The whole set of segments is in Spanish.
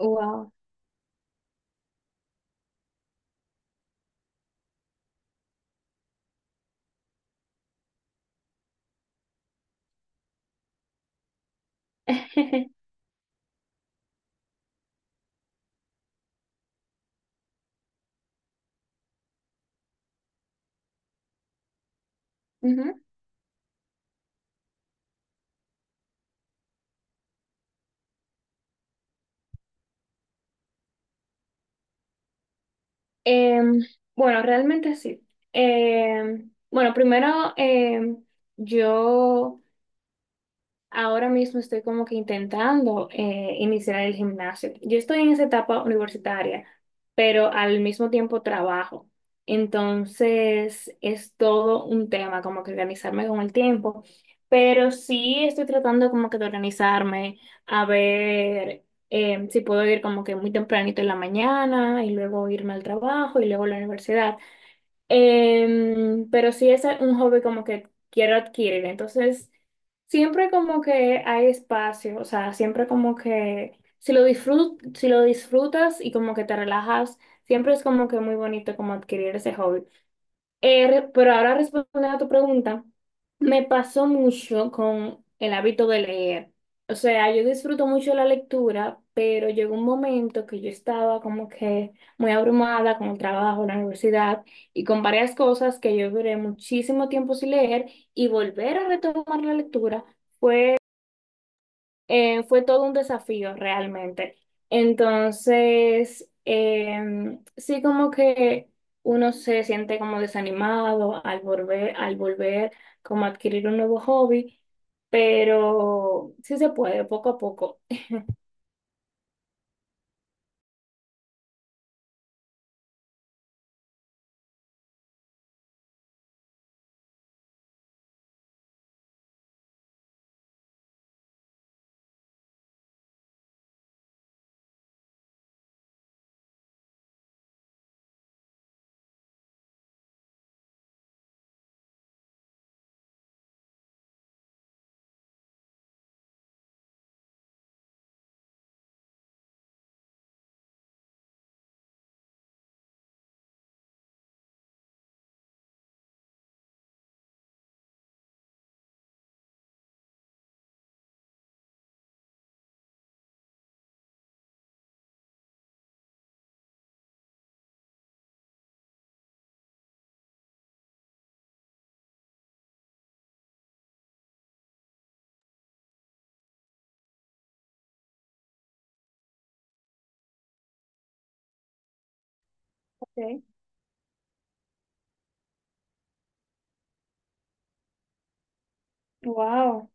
Wow. Ujú. Em, bueno, realmente sí. Bueno, primero em, yo Ahora mismo estoy como que intentando iniciar el gimnasio. Yo estoy en esa etapa universitaria, pero al mismo tiempo trabajo. Entonces es todo un tema, como que organizarme con el tiempo. Pero sí estoy tratando como que de organizarme, a ver si puedo ir como que muy tempranito en la mañana y luego irme al trabajo y luego a la universidad. Pero sí es un hobby como que quiero adquirir. Entonces, siempre como que hay espacio, o sea, siempre como que si lo disfrutas y como que te relajas, siempre es como que muy bonito como adquirir ese hobby. Pero ahora respondiendo a tu pregunta, me pasó mucho con el hábito de leer. O sea, yo disfruto mucho la lectura, pero llegó un momento que yo estaba como que muy abrumada con el trabajo, la universidad y con varias cosas que yo duré muchísimo tiempo sin leer y volver a retomar la lectura fue todo un desafío realmente. Entonces, sí como que uno se siente como desanimado al volver como a adquirir un nuevo hobby, pero sí se puede, poco a poco. Okay. Wow.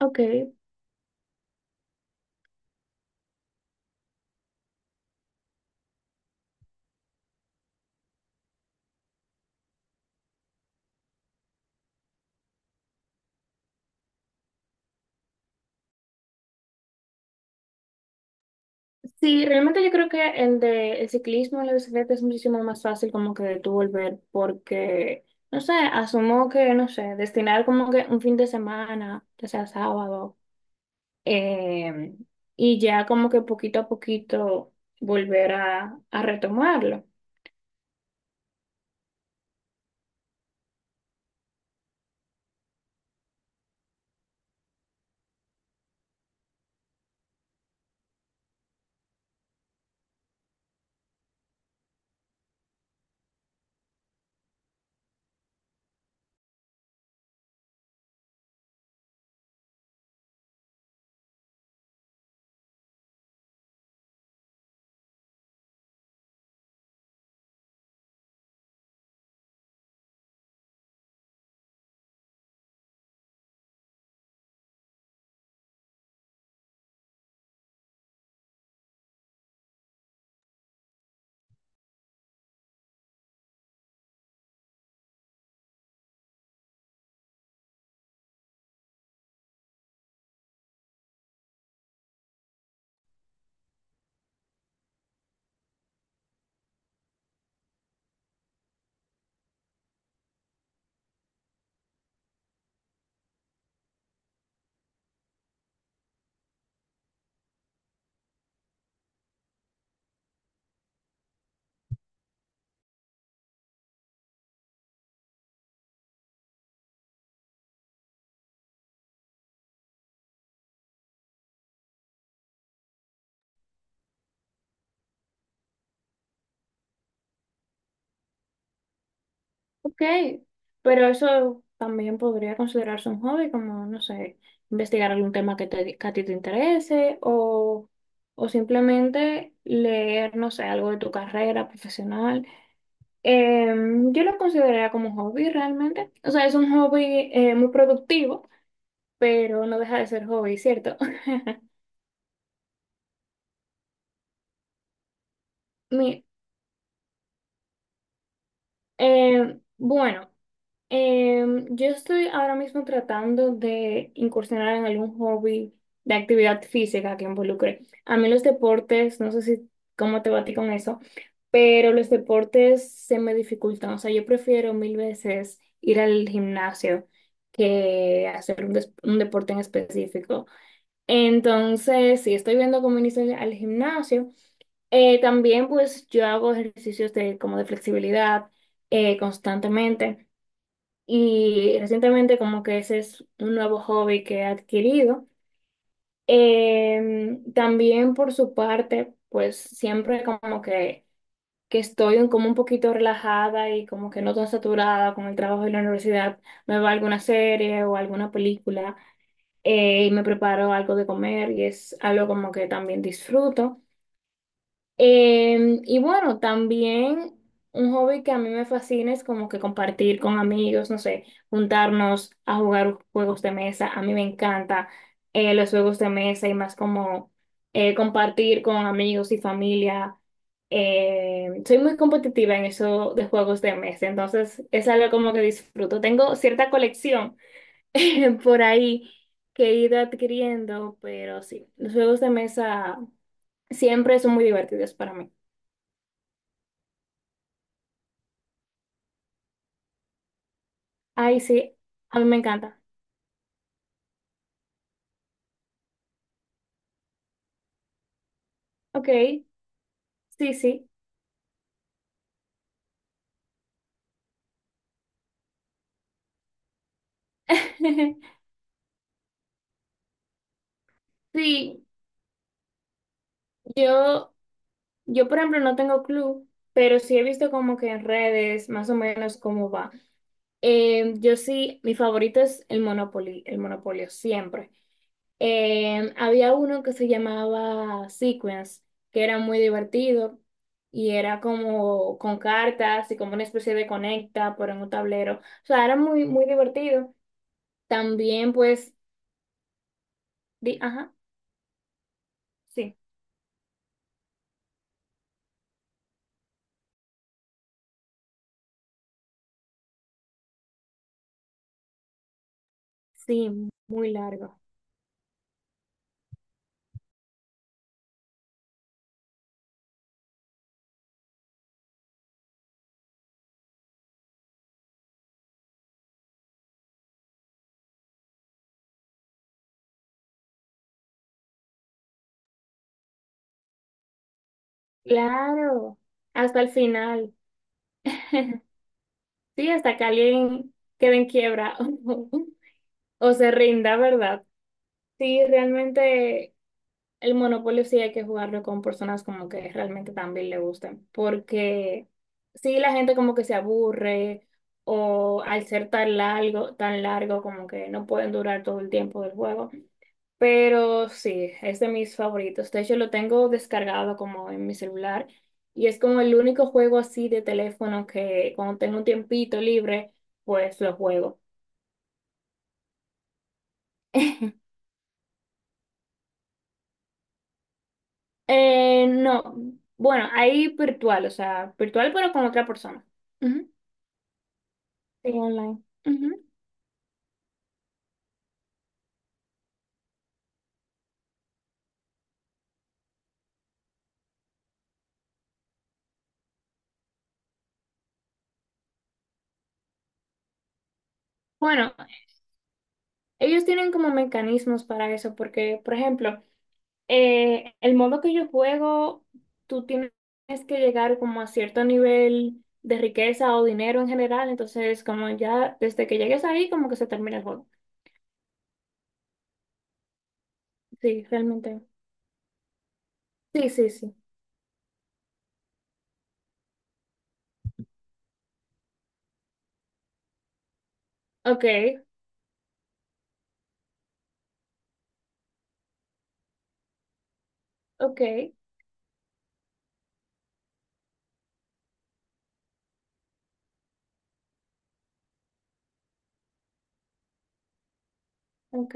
Ok. Sí, realmente yo creo que el de el ciclismo en la bicicleta es muchísimo más fácil como que de tú volver porque, no sé, asumo que, no sé, destinar como que un fin de semana, ya sea sábado eh, y ya como que poquito a poquito a retomarlo. Ok, pero eso también podría considerarse un hobby, como, no sé, investigar algún tema que a ti te interese o simplemente leer, no sé, algo de tu carrera profesional. Eh, yo lo consideraría como un hobby realmente. O sea, es un hobby muy productivo, pero no deja de ser hobby, ¿cierto? Mi- bueno. Yo estoy ahora mismo tratando de incursionar en algún hobby de actividad física que involucre. A mí los deportes, no sé si cómo te va a ti con eso, pero los deportes se me dificultan. O sea, yo prefiero mil veces ir al gimnasio que hacer un deporte en específico. Entonces, sí, estoy viendo cómo iniciar al gimnasio. También, pues, yo hago ejercicios de, como de flexibilidad constantemente. Y recientemente como que ese es un nuevo hobby que he adquirido. También por su parte, pues siempre como que estoy como un poquito relajada y como que no tan saturada con el trabajo de la universidad, me va alguna serie o alguna película y me preparo algo de comer y es algo como que también disfruto. Y bueno, también un hobby que a mí me fascina es como que compartir con amigos, no sé, juntarnos a jugar juegos de mesa. A mí me encanta los juegos de mesa y más como compartir con amigos y familia. Soy muy competitiva en eso de juegos de mesa, entonces es algo como que disfruto. Tengo cierta colección por ahí que he ido adquiriendo, pero sí, los juegos de mesa siempre son muy divertidos para mí. Ay, sí, a mí me encanta. Ok, sí, sí. Sí, yo, yo por ejemplo no tengo club, pero sí he visto como que en redes más o menos cómo va. Yo sí, mi favorito es el Monopoly, el Monopolio, siempre. Había uno que se llamaba Sequence, que era muy divertido y era como con cartas y como una especie de conecta, pero en un tablero. O sea, era muy, muy divertido. También pues, di, ajá. Sí. Sí, muy largo. Claro, hasta el final. Sí, hasta que alguien quede en quiebra o se rinda, ¿verdad? Sí, realmente el monopolio sí hay que jugarlo con personas como que realmente también le gusten, porque sí, la gente como que se aburre o al ser tan largo como que no pueden durar todo el tiempo del juego. Pero sí, es de mis favoritos. De hecho, lo tengo descargado como en mi celular y es como el único juego así de teléfono que cuando tengo un tiempito libre, pues lo juego. No, bueno, ahí virtual, o sea, virtual pero con otra persona. Ujú. Sí, online. Ujú. Bueno, ellos tienen como mecanismos para eso, porque, por ejemplo, el modo que yo juego, tú tienes que llegar como a cierto nivel de riqueza o dinero en general, entonces como ya desde que llegues ahí como que se termina el juego. Sí, realmente. Sí, sí, sí. Ok, ok, ok.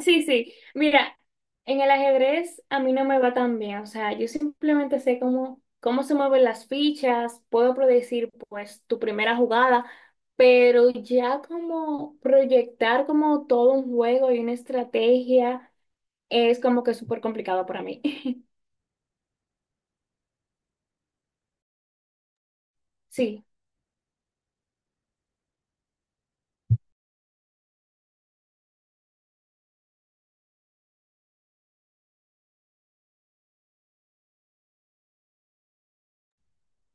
Sí, sí. Mira, en el ajedrez a mí no me va tan bien. O sea, yo simplemente sé cómo, cómo se mueven las fichas, puedo predecir pues tu primera jugada, pero ya como proyectar como todo un juego y una estrategia es como que súper complicado para mí. Sí.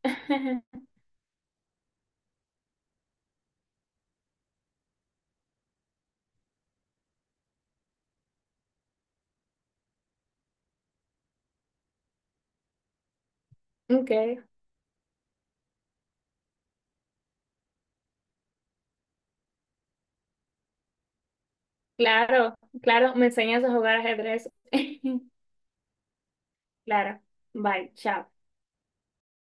Ok. Claro, claro, me enseñas a jugar ajedrez. Claro. Bye, chao.